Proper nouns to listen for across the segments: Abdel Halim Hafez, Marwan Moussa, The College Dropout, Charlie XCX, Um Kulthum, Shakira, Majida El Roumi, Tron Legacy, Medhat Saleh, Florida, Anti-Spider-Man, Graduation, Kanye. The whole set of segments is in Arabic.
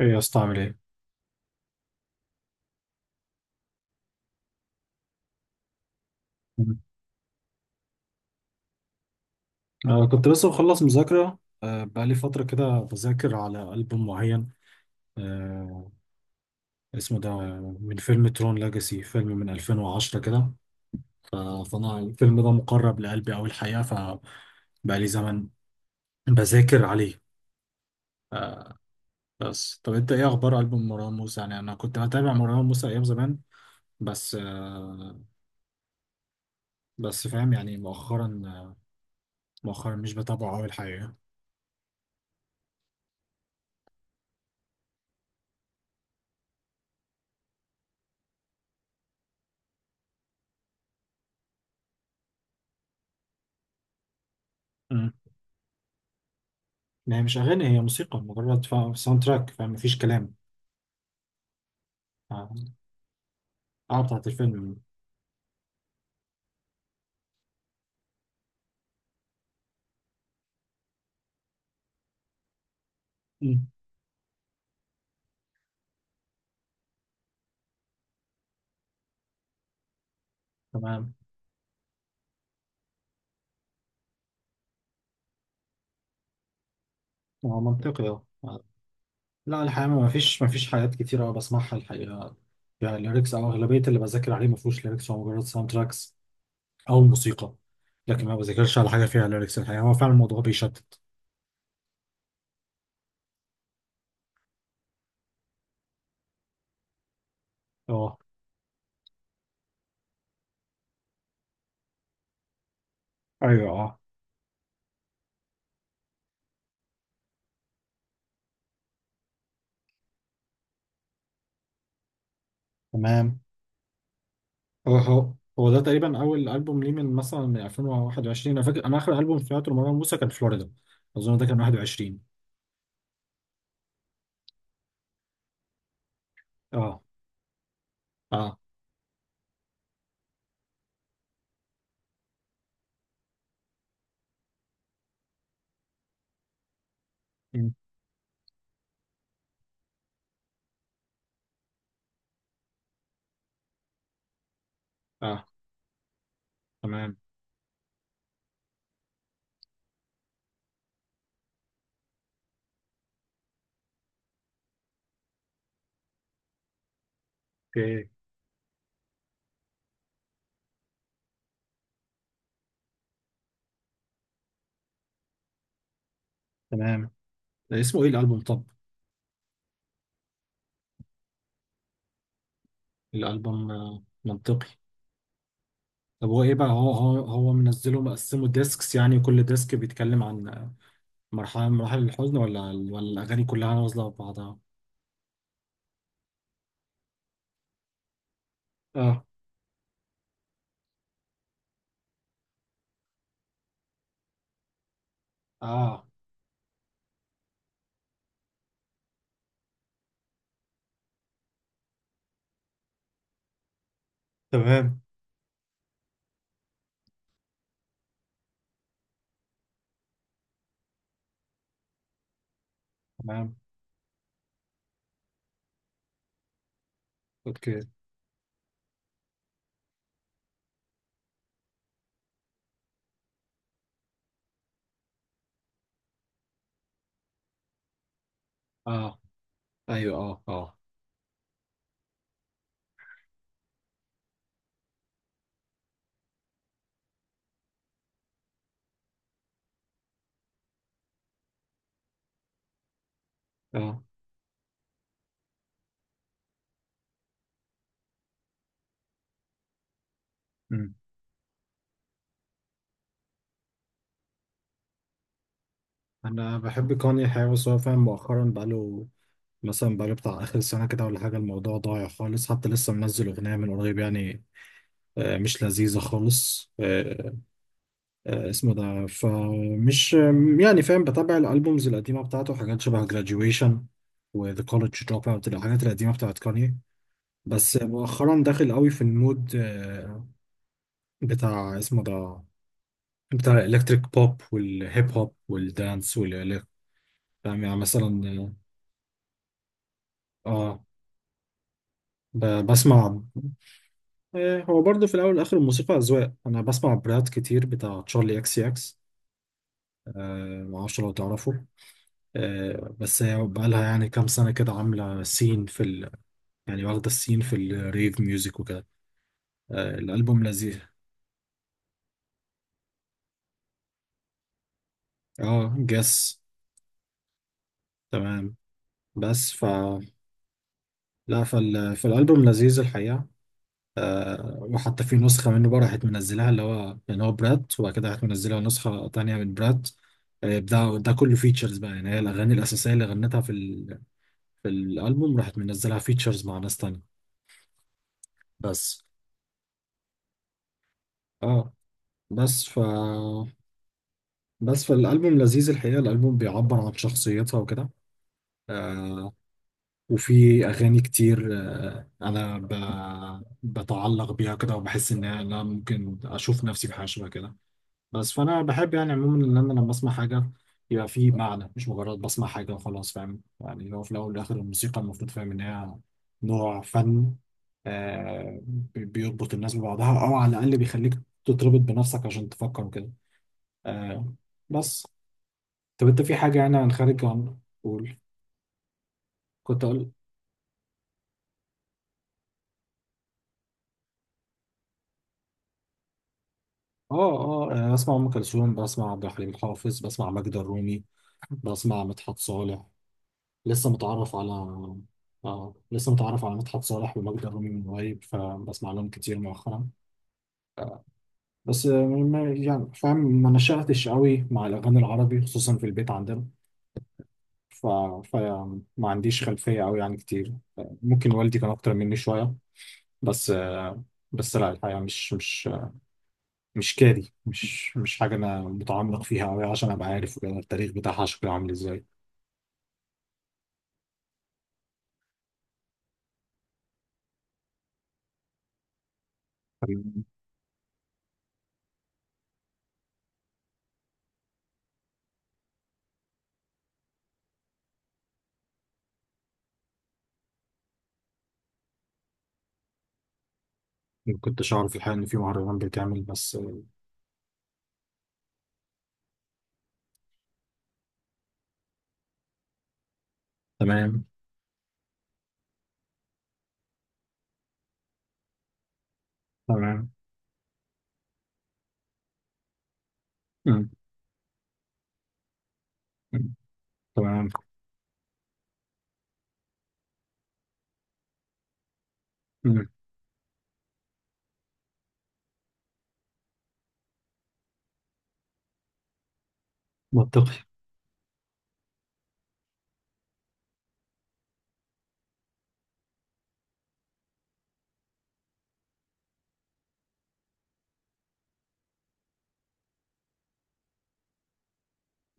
ايه يا اسطى عامل ايه؟ مم. أنا كنت لسه مخلص مذاكرة بقالي فترة كده بذاكر على ألبوم معين آه، اسمه ده من فيلم ترون لاجاسي فيلم من 2010 كده. ف- فأنا الفيلم ده مقرب لقلبي أوي الحقيقة، فبقالي زمن بذاكر عليه. بس طب أنت إيه أخبار ألبوم مروان موسى؟ يعني أنا كنت بتابع مروان موسى أيام زمان، بس بس فاهم يعني مؤخرا مش بتابعه أوي الحقيقة. مم. ما هي مش أغاني، هي موسيقى مجرد، ساوند تراك، فاهم، مفيش كلام. اه بتاعت الفيلم. مم. تمام. هو منطقي، اه آه. لا الحقيقة ما فيش حاجات كتير أوي بسمعها الحقيقة، يعني ليركس. أو أغلبية اللي بذاكر عليه ما فيهوش ليركس، هو مجرد ساوند تراكس أو موسيقى. لكن ما بذاكرش على حاجة فيها ليركس الحقيقة، هو فعلا الموضوع بيشتت. اه ايوه اه. تمام. هو هو هو ده تقريبا أول ألبوم ليه من مثلا من 2021. أنا فاكر أنا آخر ألبوم سمعته لمروان موسى كان فلوريدا، أظن ده كان 21. اه اه. مم. اه تمام. اوكي. تمام. اسمه ايه الالبوم طب؟ الالبوم. منطقي. طب هو ايه بقى، هو هو منزله مقسمه ديسكس، يعني كل ديسك بيتكلم عن مرحله من مراحل الحزن، ولا الاغاني كلها نازله في بعضها؟ اه اه. تمام. تمام. اوكي. اه ايوه اه اه اه. أمم. انا بحب كوني حاجه، بس هو فاهم مؤخرا بقاله، مثلا بقاله بتاع آخر سنة كده ولا حاجة الموضوع ضايع خالص. حتى لسه منزل أغنية من قريب يعني، مش لذيذة خالص. اسمه ده فمش يعني، فاهم، بتابع الالبومز القديمه بتاعته، حاجات شبه graduation و The College Dropout، الحاجات القديمه بتاعت كاني. بس مؤخرا داخل قوي في المود بتاع اسمه ده، بتاع الالكتريك بوب والهيب هوب والدانس والالكتريك. فاهم يعني مثلا اه. بسمع. هو برضه في الاول والاخر الموسيقى اذواق. انا بسمع براد كتير بتاع تشارلي اكس اكس، معرفش لو تعرفه. بس هي بقالها يعني كام سنة كده عاملة سين في ال... يعني واخدة السين في الريف ميوزك وكده. الألبوم لذيذ. اه جس. تمام. بس ف لا فال... فالألبوم لذيذ الحقيقة. وحتى في نسخة منه بقى راحت منزلها، اللي هو يعني هو برات، وبعد كده راحت منزلها نسخة تانية من برات. ده ده كله فيتشرز بقى، يعني هي الأغاني الأساسية اللي غنتها في ال... في الألبوم راحت منزلها فيتشرز مع ناس تانية. بس اه، بس ف بس فالألبوم لذيذ الحقيقة، الألبوم بيعبر عن شخصيتها وكده. آه وفي أغاني كتير آه أنا ب... بتعلق بيها كده وبحس إن أنا ممكن أشوف نفسي في حاجة شبه كده. بس فأنا بحب يعني عموما إن أنا لما أسمع حاجة يبقى في معنى، مش مجرد بسمع حاجة وخلاص. فاهم يعني هو في الأول والآخر الموسيقى المفروض فاهم إن هي نوع فن. آه بيربط الناس ببعضها، أو على الأقل بيخليك تتربط بنفسك عشان تفكر وكده. آه. بس طب انت في حاجة يعني عن خارج عن، قول. كنت اقول اه اه. انا بسمع ام كلثوم، بسمع عبد الحليم حافظ، بسمع ماجدة الرومي، بسمع مدحت صالح. لسه متعرف على، اه لسه متعرف على مدحت صالح وماجدة الرومي من قريب، فبسمع لهم كتير مؤخرا. بس يعني فاهم ما نشأتش قوي مع الاغاني العربي خصوصا في البيت عندنا. ف... فما عنديش خلفية قوي يعني كتير، ممكن والدي كان اكتر مني شوية. بس بس لا الحقيقة مش كاري، مش حاجة أنا متعمق فيها أوي عشان أبقى عارف وكده التاريخ بتاعها شكله عامل إزاي. تمام. ما كنتش أعرف الحقيقة إن في مهرجان بيتعمل بس آه،. تمام. تمام. مم. مم. تمام. مم. منطقي.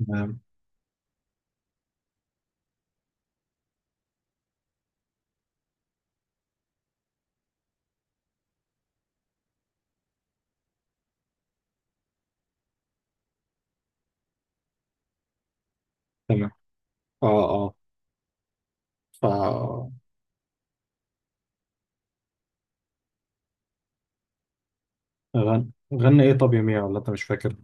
تمام. تمام. أه أه. ف غن... غنى إيه طب يا ميا ولا أنت مش فاكر؟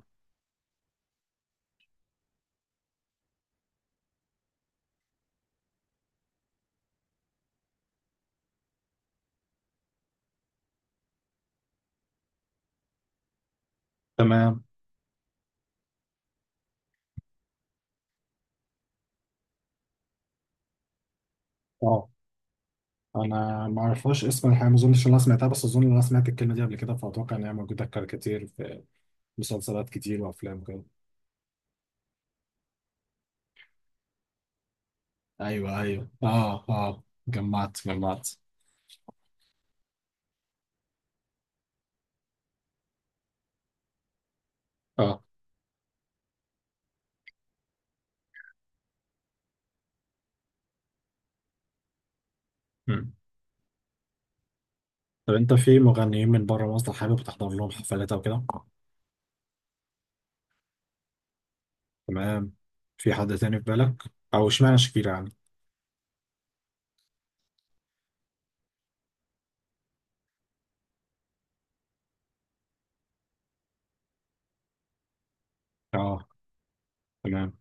تمام. أه أنا ما أعرفهاش اسم الحقيقة، ما أظنش إن أنا سمعتها، بس أظن إن أنا سمعت الكلمة دي قبل كده، فأتوقع إن هي موجودة كتير في مسلسلات كتير وأفلام كده. ايوه ايوه اه اه جمعت جمعت. اه. مم. طب انت في مغنيين من بره مصر حابب تحضر لهم حفلات او كده؟ تمام. في حد تاني في بالك؟ او اشمعنى شاكيرا يعني؟ اه. تمام.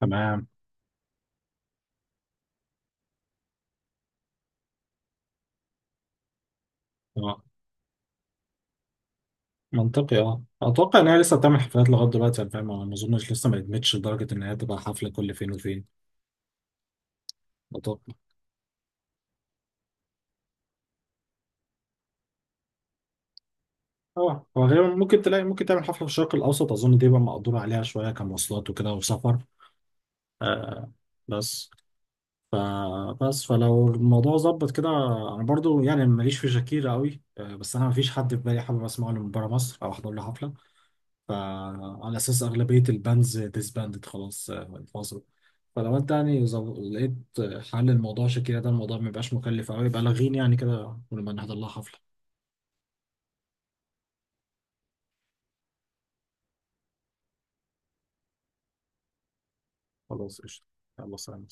تمام. اه. منطقي اه. اتوقع ان هي لسه بتعمل حفلات لغايه دلوقتي يعني، فاهم، أنا ما اظنش لسه ما ادمتش لدرجه ان هي تبقى حفله كل فين وفين. اتوقع اه، وغالبا ممكن تلاقي، ممكن تعمل حفله في الشرق الاوسط، اظن دي بقى مقدور عليها شويه كمواصلات وكده وسفر. آه. بس فبس فلو الموضوع ظبط كده، انا برضو يعني ماليش في شاكيرا قوي. بس انا مفيش حد في بالي حابب اسمعه من بره مصر او احضر له حفله، فعلى اساس اغلبيه الباندز ديسباندد خلاص، انفصلوا. فلو انت يعني لقيت حل الموضوع شاكيرا ده، الموضوع ميبقاش مكلف قوي، بلغيني يعني كده ونبقى نحضر لها حفله. خلاص قشطه. يلا سلام.